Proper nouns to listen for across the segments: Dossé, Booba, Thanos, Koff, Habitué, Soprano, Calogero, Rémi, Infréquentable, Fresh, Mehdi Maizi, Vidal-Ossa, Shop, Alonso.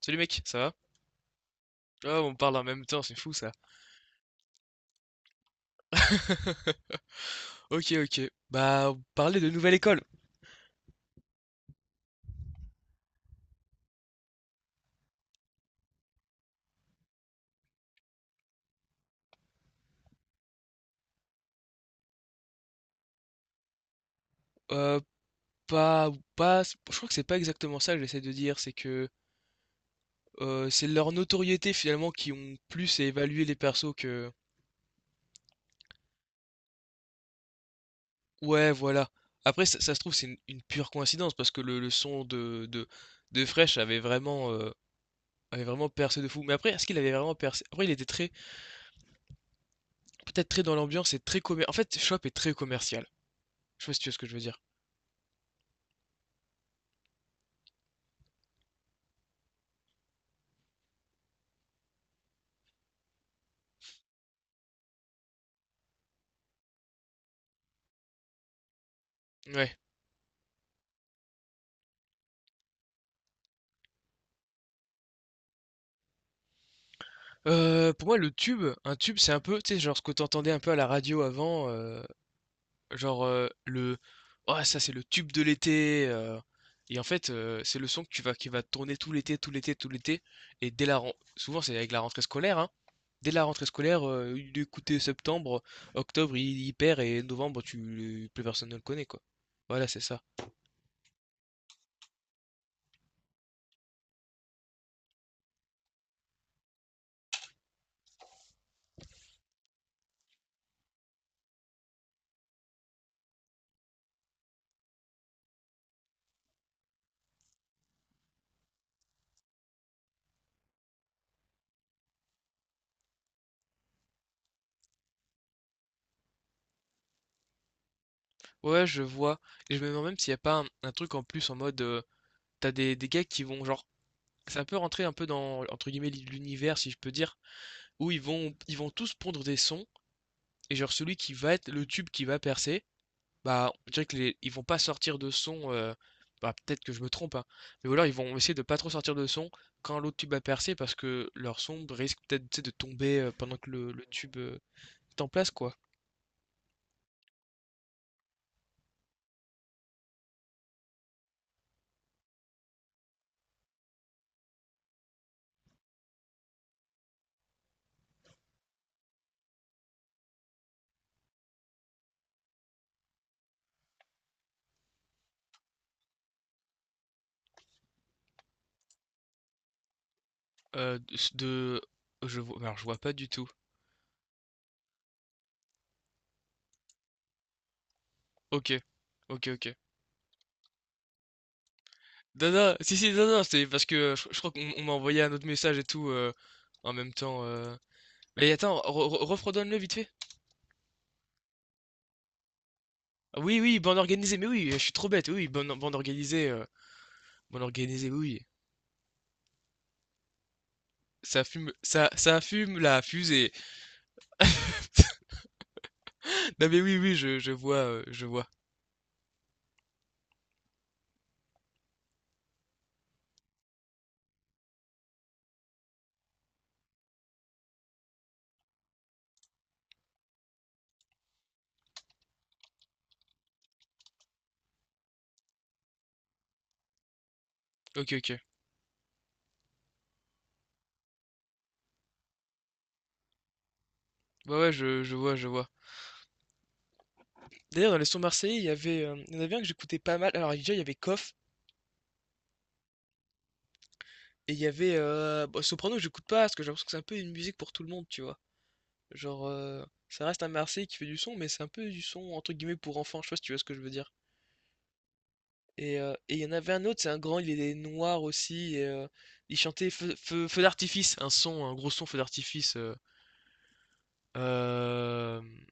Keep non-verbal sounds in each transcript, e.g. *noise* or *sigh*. Salut mec, ça va? Ah, on parle en même temps, c'est fou ça. *laughs* Ok, ok. Bah, parler de nouvelle école. Euh, pas, pas, je crois que c'est pas exactement ça que j'essaie de dire, c'est que c'est leur notoriété finalement qui ont plus à évaluer les persos que. Ouais, voilà. Après, ça se trouve, c'est une pure coïncidence parce que le son de Fresh avait vraiment percé de fou. Mais après, est-ce qu'il avait vraiment percé? Après, il était très, peut-être très dans l'ambiance et très commercial. En fait, Shop est très commercial. Je sais pas si tu vois ce que je veux dire. Ouais. Pour moi le tube, un tube, c'est un peu, tu sais, genre ce que t'entendais un peu à la radio avant, genre, le: «Ah ça c'est le tube de l'été», et en fait, c'est le son que tu vas qui va tourner tout l'été, tout l'été, tout l'été et dès la ren souvent c'est avec la rentrée scolaire, hein. Dès la rentrée scolaire, il est écouté septembre, octobre il perd et novembre tu plus personne ne le connaît, quoi. Voilà, c'est ça. Ouais, je vois et je me demande même s'il n'y a pas un truc en plus en mode, tu des gars qui vont genre. Ça peut rentrer un peu dans, entre guillemets, l'univers, si je peux dire, où ils vont tous pondre des sons et genre celui qui va être le tube qui va percer, bah, on dirait que les ils vont pas sortir de son, bah, peut-être que je me trompe, hein, mais voilà ils vont essayer de pas trop sortir de son quand l'autre tube a percé parce que leur son risque peut-être, tu sais, de tomber, pendant que le tube, est en place, quoi. De Je vois alors je vois pas du tout. OK. OK, OK. Non, non, si, si, non, non, c'est parce que je crois qu'on m'a envoyé un autre message et tout en même temps. Mais attends, refredonne-le vite fait. Ah oui, oui, bande organisée, mais oui, je suis trop bête, oui, bande organisée, oui. Ça fume, ça fume la fusée. *laughs* Non, mais oui, oui, je vois, je vois. Ok, ok. Ouais, ouais, je vois, je vois. D'ailleurs, dans les sons marseillais, il y avait, il y en avait un que j'écoutais pas mal. Alors, déjà, il y avait Koff et il y avait bon, Soprano, j'écoute pas parce que j'ai l'impression que c'est un peu une musique pour tout le monde, tu vois. Genre, ça reste un Marseillais qui fait du son, mais c'est un peu du son entre guillemets «pour enfants», je sais pas si tu vois ce que je veux dire? Et il y en avait un autre, c'est un grand, il est noir aussi et il chantait feu d'artifice, un son, un gros son feu d'artifice, hem,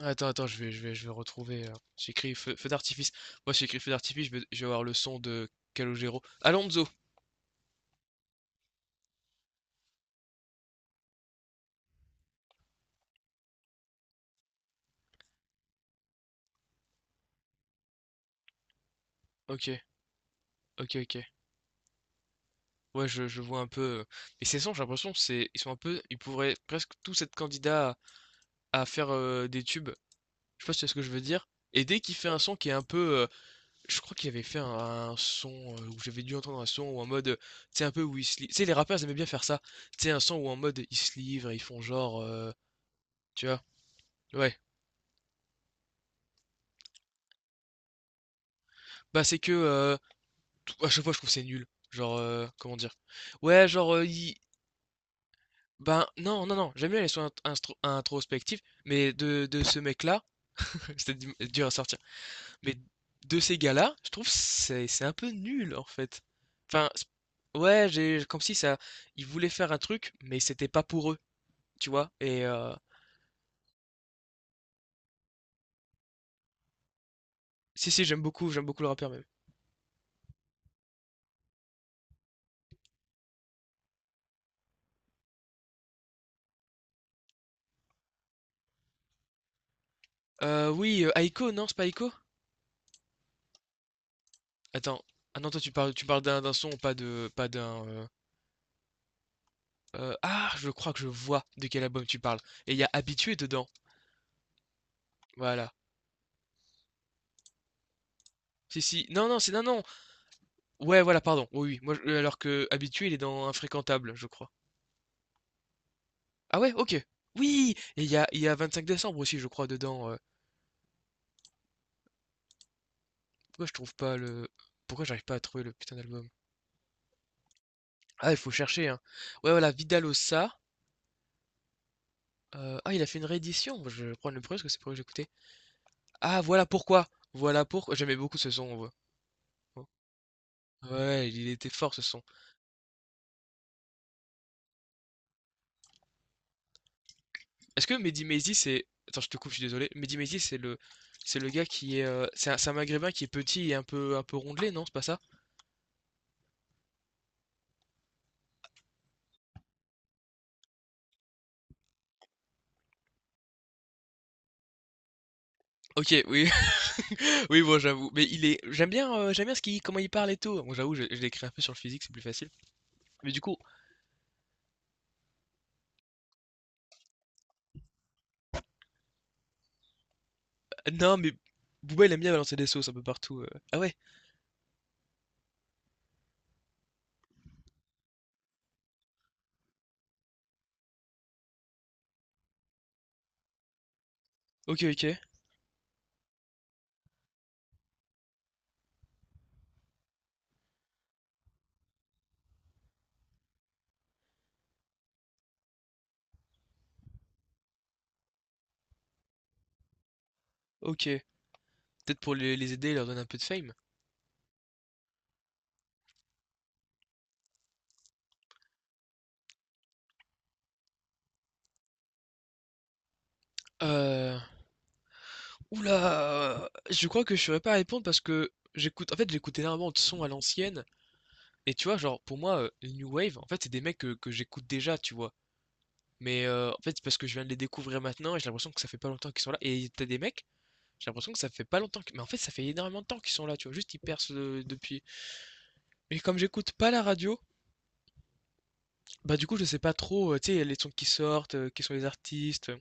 attends, attends, je vais retrouver, j'ai écrit feu d'artifice. Moi, j'ai écrit feu d'artifice, je vais avoir le son de Calogero. Alonso! OK, OK, OK. Ouais, je vois un peu, mais ces sons, j'ai l'impression c'est ils sont un peu ils pourraient presque tous être candidats à faire, des tubes. Je sais pas si c'est ce que je veux dire. Et dès qu'il fait un son qui est un peu. Je crois qu'il avait fait un son où j'avais dû entendre un son ou en mode. Tu sais, un peu où ils se livrent. Tu sais, les rappeurs, ils aimaient bien faire ça. Tu sais, un son où en mode ils se livrent et ils font genre. Tu vois? Ouais. Bah, c'est que. À chaque fois, je trouve que c'est nul. Genre, comment dire? Ouais, genre. Ben, non, non, non. J'aime bien les sons introspectifs. Mais de ce mec-là, *laughs* c'était dur à sortir. Mais de ces gars-là, je trouve c'est un peu nul en fait. Enfin, ouais, j'ai comme si ça, ils voulaient faire un truc, mais c'était pas pour eux, tu vois. Et si si, j'aime beaucoup le rappeur même. Oui, Aiko, non, c'est pas Aiko? Attends, ah non, toi tu parles d'un d'un son, pas de, pas d'un. Ah, je crois que je vois de quel album tu parles. Et il y a Habitué dedans. Voilà. Si si, non non, c'est non non. Ouais, voilà, pardon. Alors que Habitué il est dans Infréquentable, je crois. Ah ouais? OK. Oui! Et il y a 25 décembre aussi, je crois, dedans, Pourquoi je trouve pas le Pourquoi j'arrive pas à trouver le putain d'album? Ah, il faut chercher, hein. Ouais, voilà, Vidal-Ossa, ah, il a fait une réédition. Bah, je vais prendre le premier parce que c'est pour que j'écoutais. Ah, voilà pourquoi! Voilà pourquoi j'aimais beaucoup ce son, ouais. Oh. Ouais, il était fort ce son. Est-ce que Mehdi Maizi, c'est attends, je te coupe, je suis désolé. Mehdi Maizi, c'est le gars qui est, c'est un maghrébin qui est petit et un peu rondelet, non, c'est pas ça? OK, oui, oui, bon, j'avoue. Mais il est j'aime bien ce qu'il comment il parle et tout. Bon, j'avoue, je l'ai un peu sur le physique, c'est plus facile. Mais du coup, non, mais Booba, il aime bien balancer des sauces un peu partout, Ah ouais? OK, OK, OK. Peut-être pour les aider, leur donner un peu de fame? Heu, ouh Je crois que je saurais pas répondre parce que j'écoute énormément de sons à l'ancienne et tu vois, genre, pour moi, le new wave, en fait, c'est des mecs que j'écoute déjà, tu vois? Mais en fait, c'est parce que je viens de les découvrir maintenant et j'ai l'impression que ça fait pas longtemps qu'ils sont là et t'as des mecs. J'ai l'impression que ça fait pas longtemps que… Mais en fait, ça fait énormément de temps qu'ils sont là, tu vois. Juste, ils percent depuis… Mais comme j'écoute pas la radio, bah du coup, je sais pas trop, tu sais, les sons qui sortent, qui sont les artistes.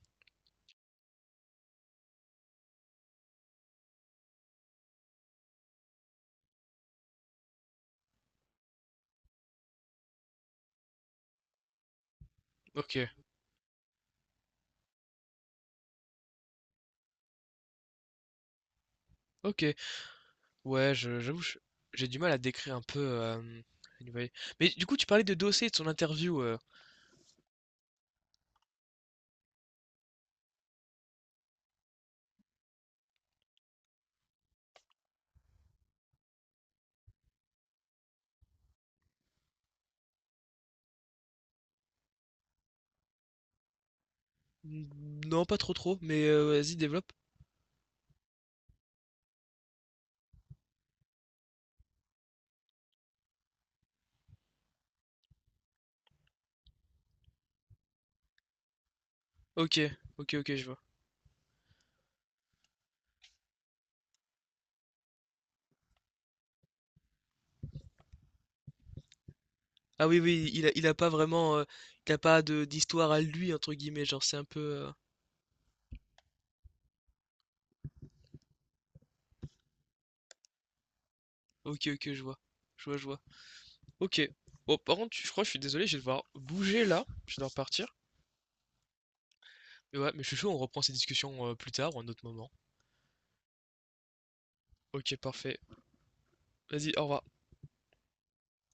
Ok, ok. Ouais, j'avoue, j'ai du mal à décrire un peu… anyway. Mais du coup, tu parlais de Dossé et de son interview. Non, pas trop trop, mais vas-y, développe. Ok, ok, ok, je vois. Ah oui, oui, il a pas vraiment… il a pas de d'histoire à lui, entre guillemets, genre c'est un peu… Ok, ok, je vois. Je vois, je vois. Ok. Bon, par contre, je crois, je suis désolé, je vais devoir bouger là. Je vais devoir partir. Mais ouais, mais je suis chaud, on reprend ces discussions plus tard ou à un autre moment. Ok, parfait. Vas-y, au revoir.